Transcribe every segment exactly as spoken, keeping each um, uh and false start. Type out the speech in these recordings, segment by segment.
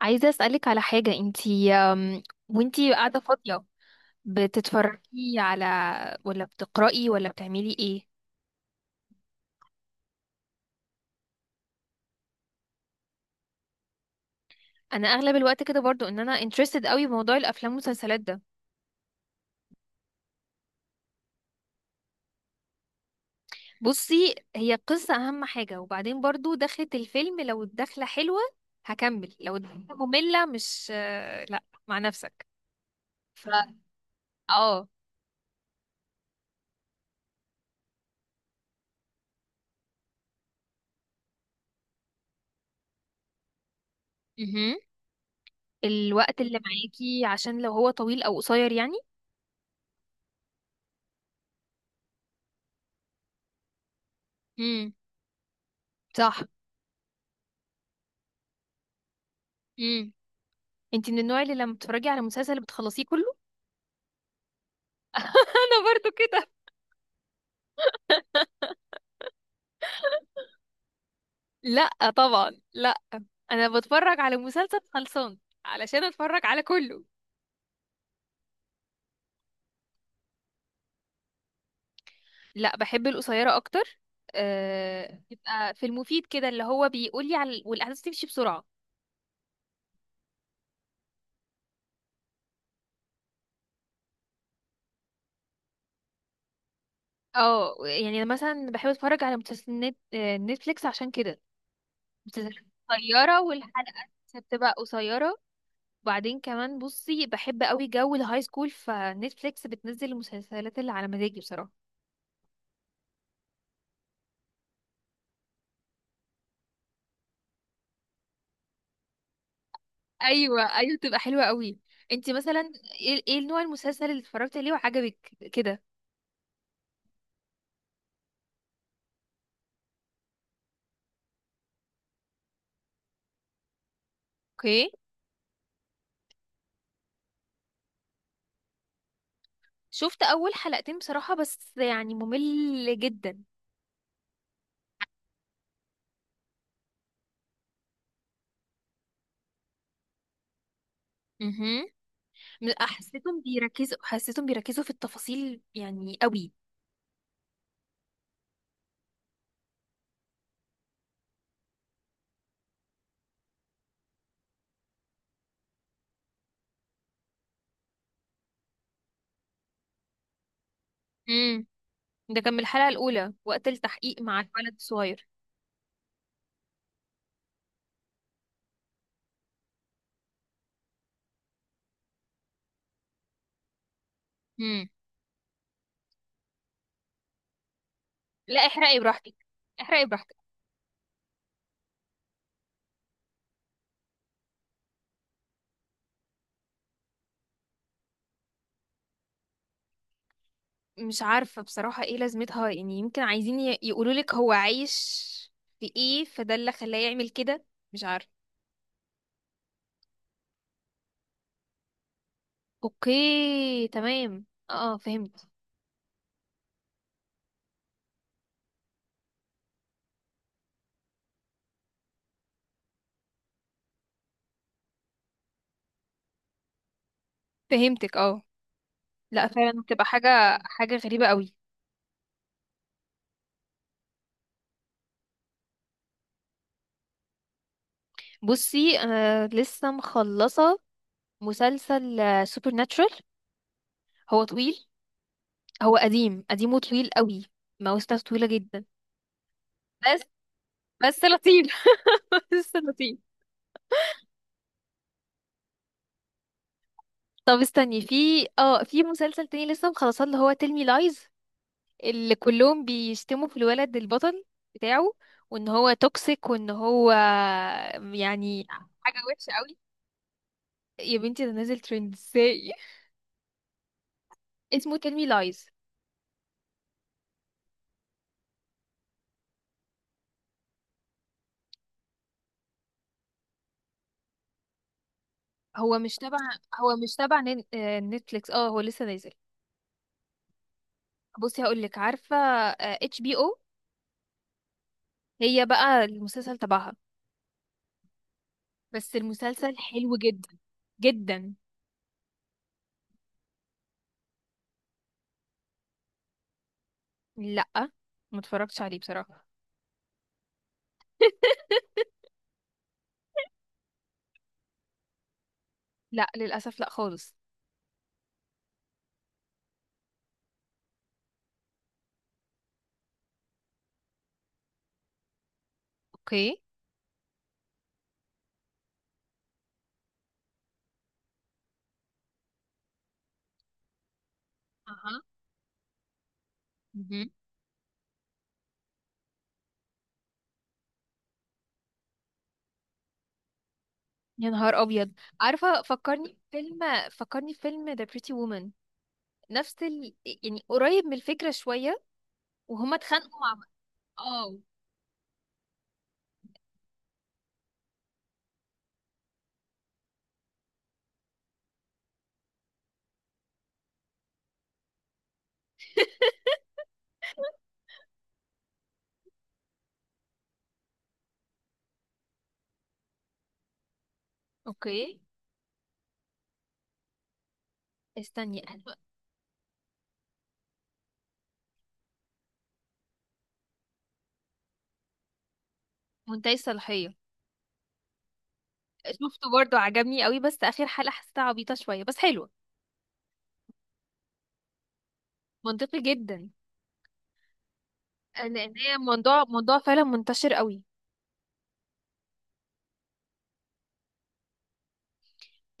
عايزة أسألك على حاجة، انتي أم، وانتي قاعدة فاضية بتتفرجي على، ولا بتقرأي، ولا بتعملي ايه؟ انا اغلب الوقت كده برضو ان انا interested قوي بموضوع الافلام والمسلسلات ده. بصي، هي قصة اهم حاجة، وبعدين برضو دخلة الفيلم، لو الدخلة حلوة هكمل، لو الدخلة مملة مش آه، لا مع نفسك. ف اه. مهم. الوقت اللي معاكي، عشان لو هو طويل او قصير يعني. امم صح. انتي من النوع اللي لما بتتفرجي على مسلسل بتخلصيه كله؟ انا برضو كده. لا طبعا، لا. انا بتفرج على مسلسل خلصان علشان اتفرج على كله. لا، بحب القصيره اكتر. أه... يبقى في المفيد كده، اللي هو بيقول لي على والاحداث تمشي بسرعه. اه، يعني انا مثلا بحب اتفرج على مسلسلات نت... آه، نتفليكس عشان كده. مسلسلات قصيره والحلقه بتبقى قصيره. وبعدين كمان بصي، بحب قوي جو الهاي سكول، فنتفليكس بتنزل المسلسلات اللي على مزاجي بصراحه. ايوه ايوه، بتبقى حلوه قوي. انت مثلا ايه ايه نوع المسلسل اللي اتفرجت عليه وعجبك كده؟ اوكي. شفت اول حلقتين بصراحه، بس يعني ممل جدا. امم م- حسيتهم بيركزوا حسيتهم بيركزوا في التفاصيل يعني قوي. امم. ده كان من الحلقه الاولى وقت التحقيق مع الولد الصغير. امم. لا، احرقي براحتك، احرقي براحتك. مش عارفه بصراحه ايه لازمتها، يعني يمكن عايزين يقولوا لك هو عايش في ايه، فده اللي خلاه يعمل كده. مش عارفه. اوكي تمام، اه فهمت. فهمتك اه. لا فعلا بتبقى حاجة حاجة غريبة قوي. بصي، انا لسه مخلصة مسلسل سوبر ناتشورال. هو طويل. هو قديم قديم وطويل قوي. مواسمه طويلة جدا. بس بس لطيف. بس لطيف. طب استني، في اه في مسلسل تاني لسه مخلصاه، اللي هو تيل مي لايز. اللي كلهم بيشتموا في الولد البطل بتاعه، وان هو توكسيك، وان هو يعني حاجة وحشة قوي. يا بنتي، ده نازل ترند ازاي! اسمه تيل مي لايز. هو مش تبع. هو مش تبع نت- آه، نتفليكس. اه هو لسه نازل. بصي هقول لك، عارفه؟ اتش بي او. هي بقى المسلسل تبعها. بس المسلسل حلو جدا جدا. لا، ما اتفرجتش عليه بصراحه. لا للاسف، لا خالص. اوكي. اها. مهم. يا نهار ابيض، عارفه فكرني فيلم؟ فكرني فيلم ذا بريتي وومن. نفس ال... يعني قريب من الفكره شويه. وهما اتخانقوا مع بعض. اه. اوكي. استني أنا- منتهي الصلاحية. شفته برضو عجبني قوي، بس اخر حلقة حسيتها عبيطة شوية، بس حلوة. منطقي جدا. لان هي موضوع موضوع فعلا منتشر قوي.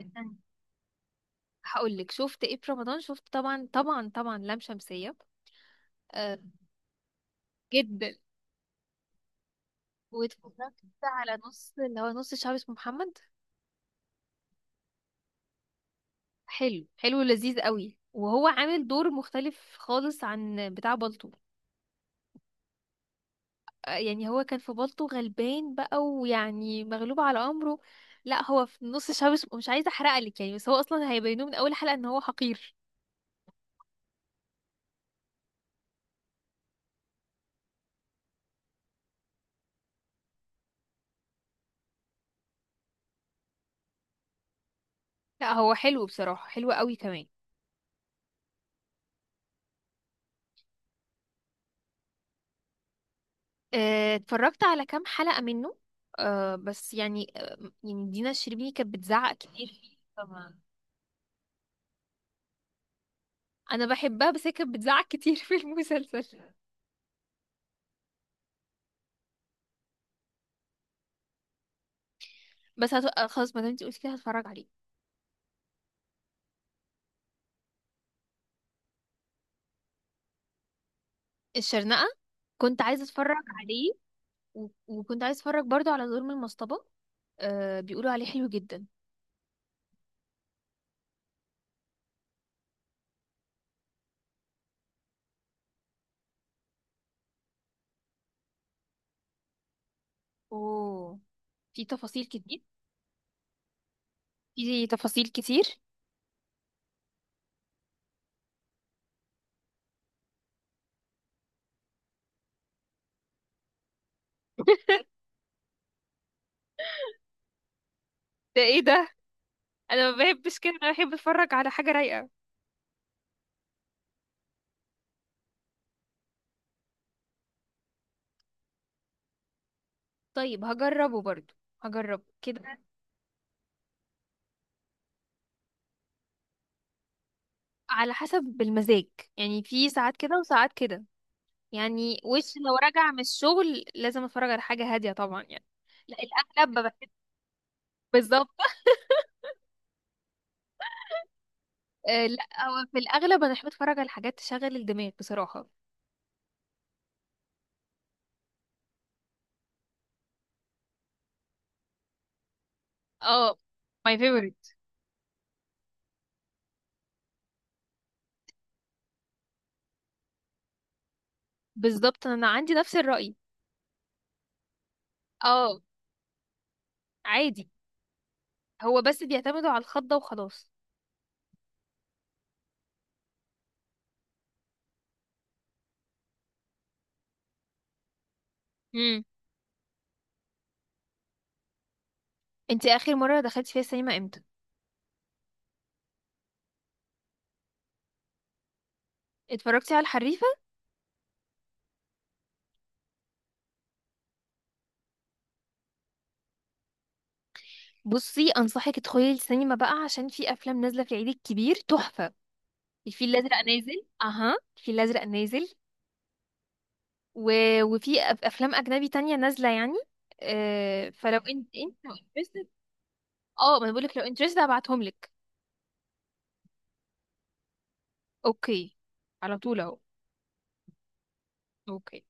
استني هقول لك. شفت ايه في رمضان؟ شفت طبعا طبعا طبعا لام شمسية. آه. جدا. واتفرجت على نص، اللي هو نص الشعب اسمه محمد. حلو حلو لذيذ قوي، وهو عامل دور مختلف خالص عن بتاع بالطو. يعني هو كان في بالطو غلبان بقى، ويعني مغلوب على امره. لا، هو في نص الشعب اسمه- مش عايزه احرقلك يعني، بس هو اصلا هيبينوه من اول حلقه ان هو حقير. لا، هو حلو بصراحه، حلو قوي كمان. آه، اتفرجت على كام حلقه منه. أه بس يعني آه، يعني دينا الشربيني كانت بتزعق كتير فيه فما- انا بحبها، بس هي كانت بتزعق كتير في المسلسل. بس هت... آه، خلاص ما دام انت قلتي كده هتفرج عليه. الشرنقه. كنت عايزه اتفرج عليه. و... وكنت عايز اتفرج برضو على دور من المصطبة. آه، بيقولوا عليه حلو جدا. اوه. في تفاصيل كتير. في تفاصيل كتير. ده ايه ده، انا ما بحبش كده، انا بحب اتفرج على حاجه رايقه. طيب هجربه برضو، هجربه كده. على حسب المزاج، يعني في ساعات كده وساعات كده. يعني وش لو راجع من الشغل لازم اتفرج على حاجة هادية طبعا يعني. لا، الأغلب بحب. بالظبط. آه لا، هو في الأغلب أنا بحب أتفرج على حاجات تشغل الدماغ بصراحة. اه، my favorite. بالظبط، انا عندي نفس الرأي. اه. عادي. هو بس بيعتمدوا على الخضة وخلاص. امم. انتي اخر مرة دخلتي فيها السينما امتى؟ اتفرجتي على الحريفة؟ بصي انصحك تدخلي السينما بقى، عشان في افلام نازلة في العيد الكبير تحفة. الفيل الازرق نازل. اها، الفيل الازرق نازل. و... وفي أف- افلام اجنبي تانية نازلة يعني. أه... فلو انت انت لو interested. اه ما انا بقولك لو interested هبعتهم لك. اوكي. على طول اهو. اوكي.